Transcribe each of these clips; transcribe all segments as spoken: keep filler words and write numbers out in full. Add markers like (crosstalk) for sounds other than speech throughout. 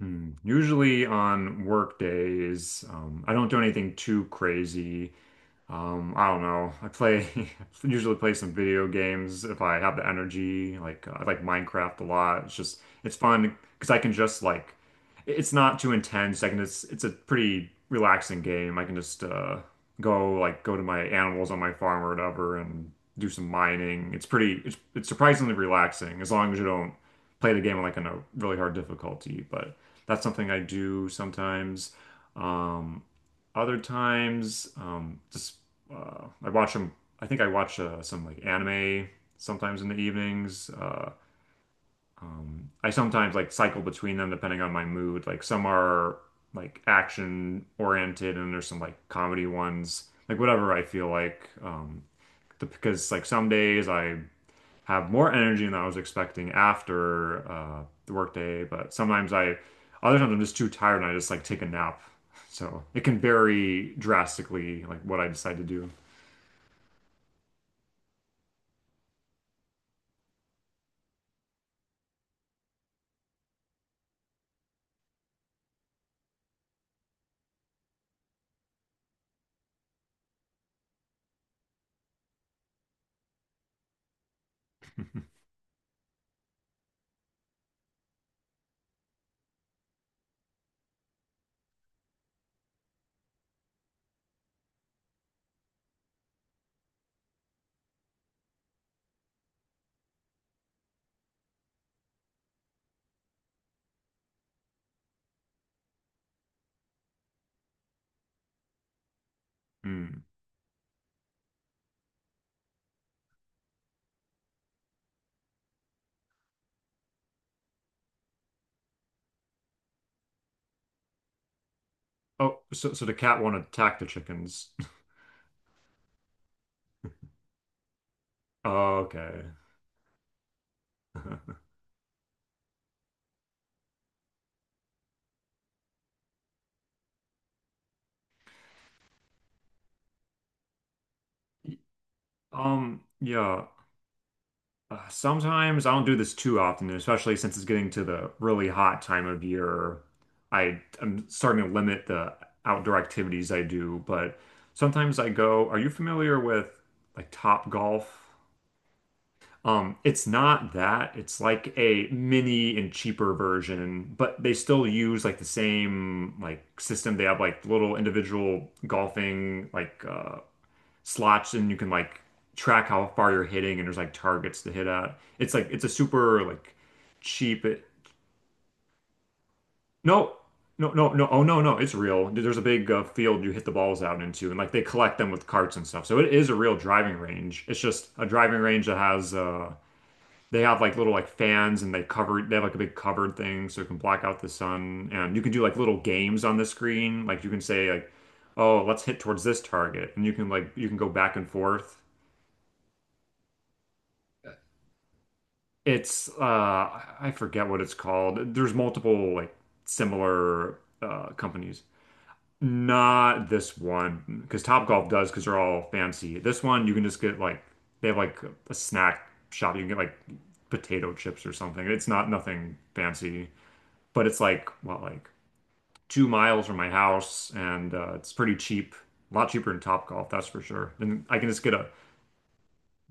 Hmm. Usually on work days, um, I don't do anything too crazy. Um, I don't know. I play (laughs) I usually play some video games if I have the energy. Like uh, I like Minecraft a lot. It's just it's fun because I can just like it- it's not too intense. I can just it's a pretty relaxing game. I can just uh go like go to my animals on my farm or whatever and do some mining. It's pretty it's it's surprisingly relaxing as long as you don't play the game like on a really hard difficulty. But that's something I do sometimes. Um, Other times, um, just uh, I watch them. I think I watch uh, some like anime sometimes in the evenings. Uh, um, I sometimes like cycle between them depending on my mood. Like some are like action oriented, and there's some like comedy ones. Like whatever I feel like. Um, the, because like some days I have more energy than I was expecting after uh, the workday. But sometimes I, other times I'm just too tired and I just like take a nap. So it can vary drastically, like what I decide to do. Mm. Oh, so so the cat won't attack the chickens. (laughs) Okay. (laughs) Um, yeah. Uh, sometimes I don't do this too often, and especially since it's getting to the really hot time of year. I am starting to limit the outdoor activities I do, but sometimes I go, are you familiar with like Top Golf? Um, it's not that. It's like a mini and cheaper version, but they still use like the same like system. They have like little individual golfing like uh slots, and you can like track how far you're hitting and there's like targets to hit at. It's like it's a super like cheap. It, no, no, no, no. Oh no, no, it's real. There's a big uh, field you hit the balls out into, and like they collect them with carts and stuff. So it is a real driving range. It's just a driving range that has uh they have like little like fans, and they cover they have like a big covered thing so it can block out the sun, and you can do like little games on the screen. Like you can say like oh, let's hit towards this target, and you can like you can go back and forth. It's uh I forget what it's called. There's multiple like similar uh companies. Not this one, because Topgolf does because they're all fancy. This one you can just get like they have like a snack shop. You can get like potato chips or something. It's not nothing fancy, but it's like what like two miles from my house, and uh, it's pretty cheap. A lot cheaper than Topgolf, that's for sure. And I can just get a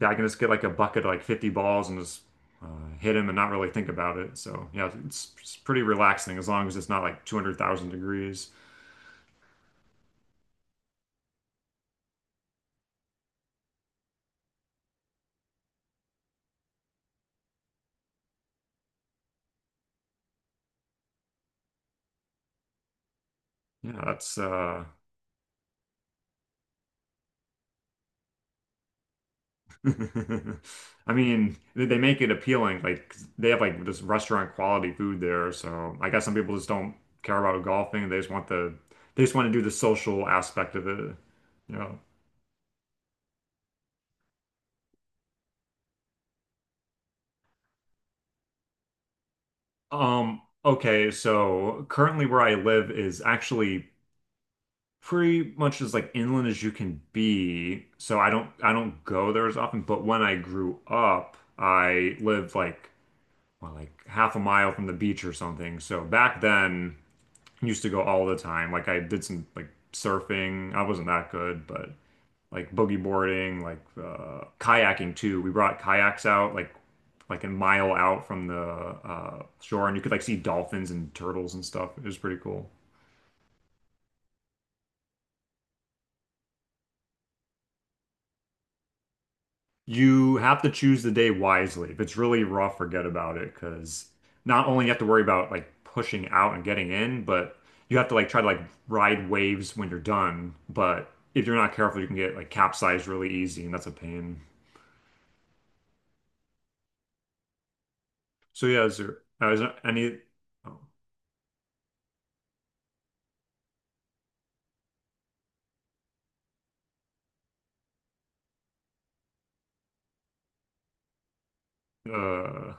yeah, I can just get like a bucket of like fifty balls and just uh, hit him and not really think about it. So yeah, it's, it's pretty relaxing as long as it's not like two hundred thousand degrees. Yeah, that's uh (laughs) I mean, they they make it appealing. Like they have like just restaurant quality food there. So I guess some people just don't care about golfing. They just want the they just want to do the social aspect of it, you know. Um, okay, so currently where I live is actually pretty much as like inland as you can be. So I don't I don't go there as often, but when I grew up, I lived like well, like half a mile from the beach or something. So back then, I used to go all the time. Like I did some like surfing. I wasn't that good, but like boogie boarding, like uh, kayaking too. We brought kayaks out like like a mile out from the uh, shore, and you could like see dolphins and turtles and stuff. It was pretty cool. You have to choose the day wisely. If it's really rough, forget about it because not only you have to worry about like pushing out and getting in, but you have to like try to like ride waves when you're done. But if you're not careful, you can get like capsized really easy, and that's a pain. So yeah, is there uh, is there any oh, uh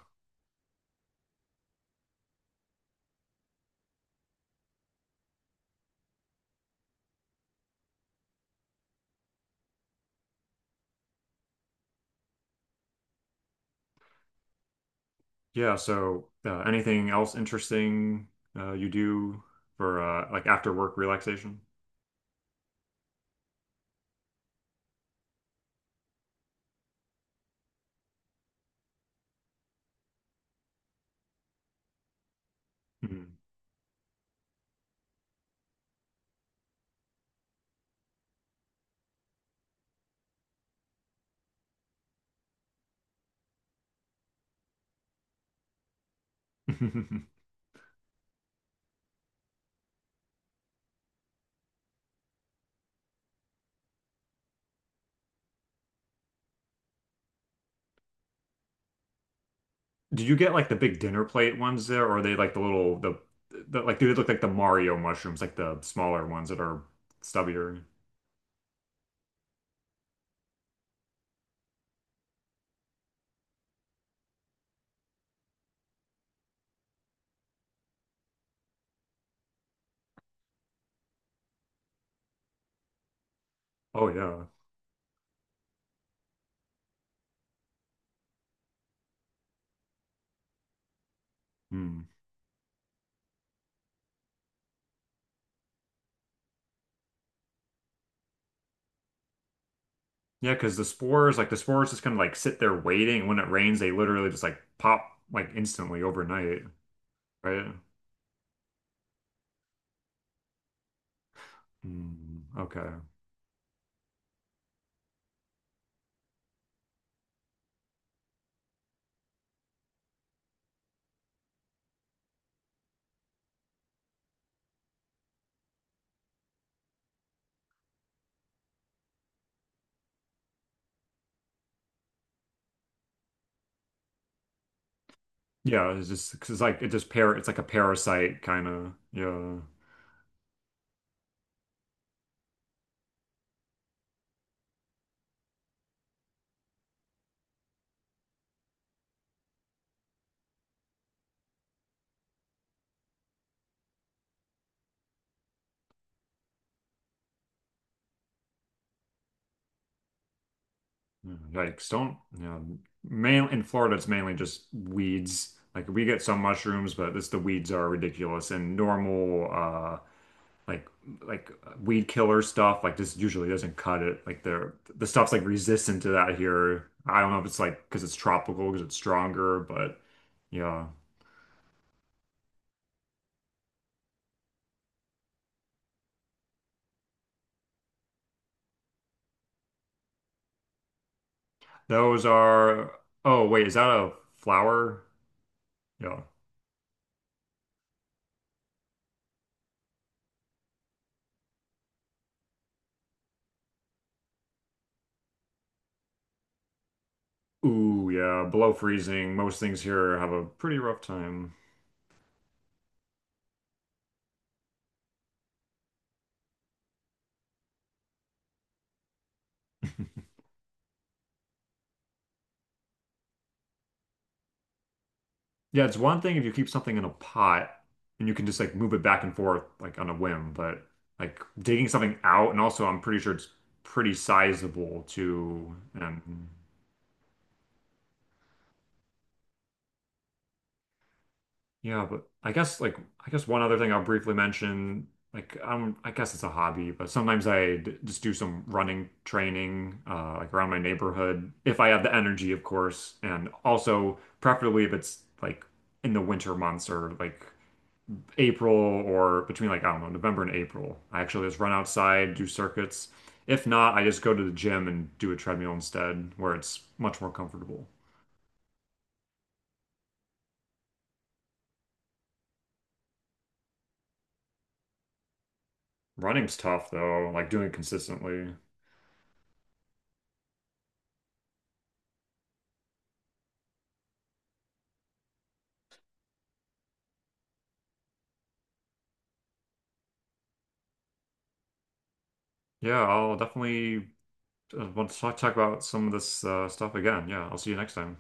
yeah, so uh, anything else interesting uh you do for uh like after work relaxation? Mhm. (laughs) Do you get like the big dinner plate ones there, or are they like the little the, the like do they look like the Mario mushrooms, like the smaller ones that are stubbier? Oh yeah. Hmm. Yeah, because the spores, like the spores just kind of like sit there waiting, and when it rains, they literally just like pop like instantly overnight, right? Hmm. Okay. Yeah, it's just because like it just par it's like a parasite kind of. Yeah. Mm, yikes, don't, you know, main in Florida, it's mainly just weeds. Like we get some mushrooms, but this the weeds are ridiculous. And normal, uh, like like weed killer stuff, like this usually doesn't cut it. Like the the stuff's like resistant to that here. I don't know if it's like because it's tropical, because it's stronger, but yeah, those are. Oh wait, is that a flower? Yeah. Ooh, yeah, below freezing. Most things here have a pretty rough time. Yeah, it's one thing if you keep something in a pot and you can just like move it back and forth like on a whim, but like digging something out, and also I'm pretty sure it's pretty sizable too. And yeah, but I guess like I guess one other thing I'll briefly mention, like I'm I guess it's a hobby, but sometimes I d just do some running training uh like around my neighborhood if I have the energy, of course, and also preferably if it's like in the winter months or like April or between like, I don't know, November and April. I actually just run outside, do circuits. If not, I just go to the gym and do a treadmill instead, where it's much more comfortable. Running's tough though, like doing it consistently. Yeah, I'll definitely uh, want to talk talk about some of this uh, stuff again. Yeah, I'll see you next time.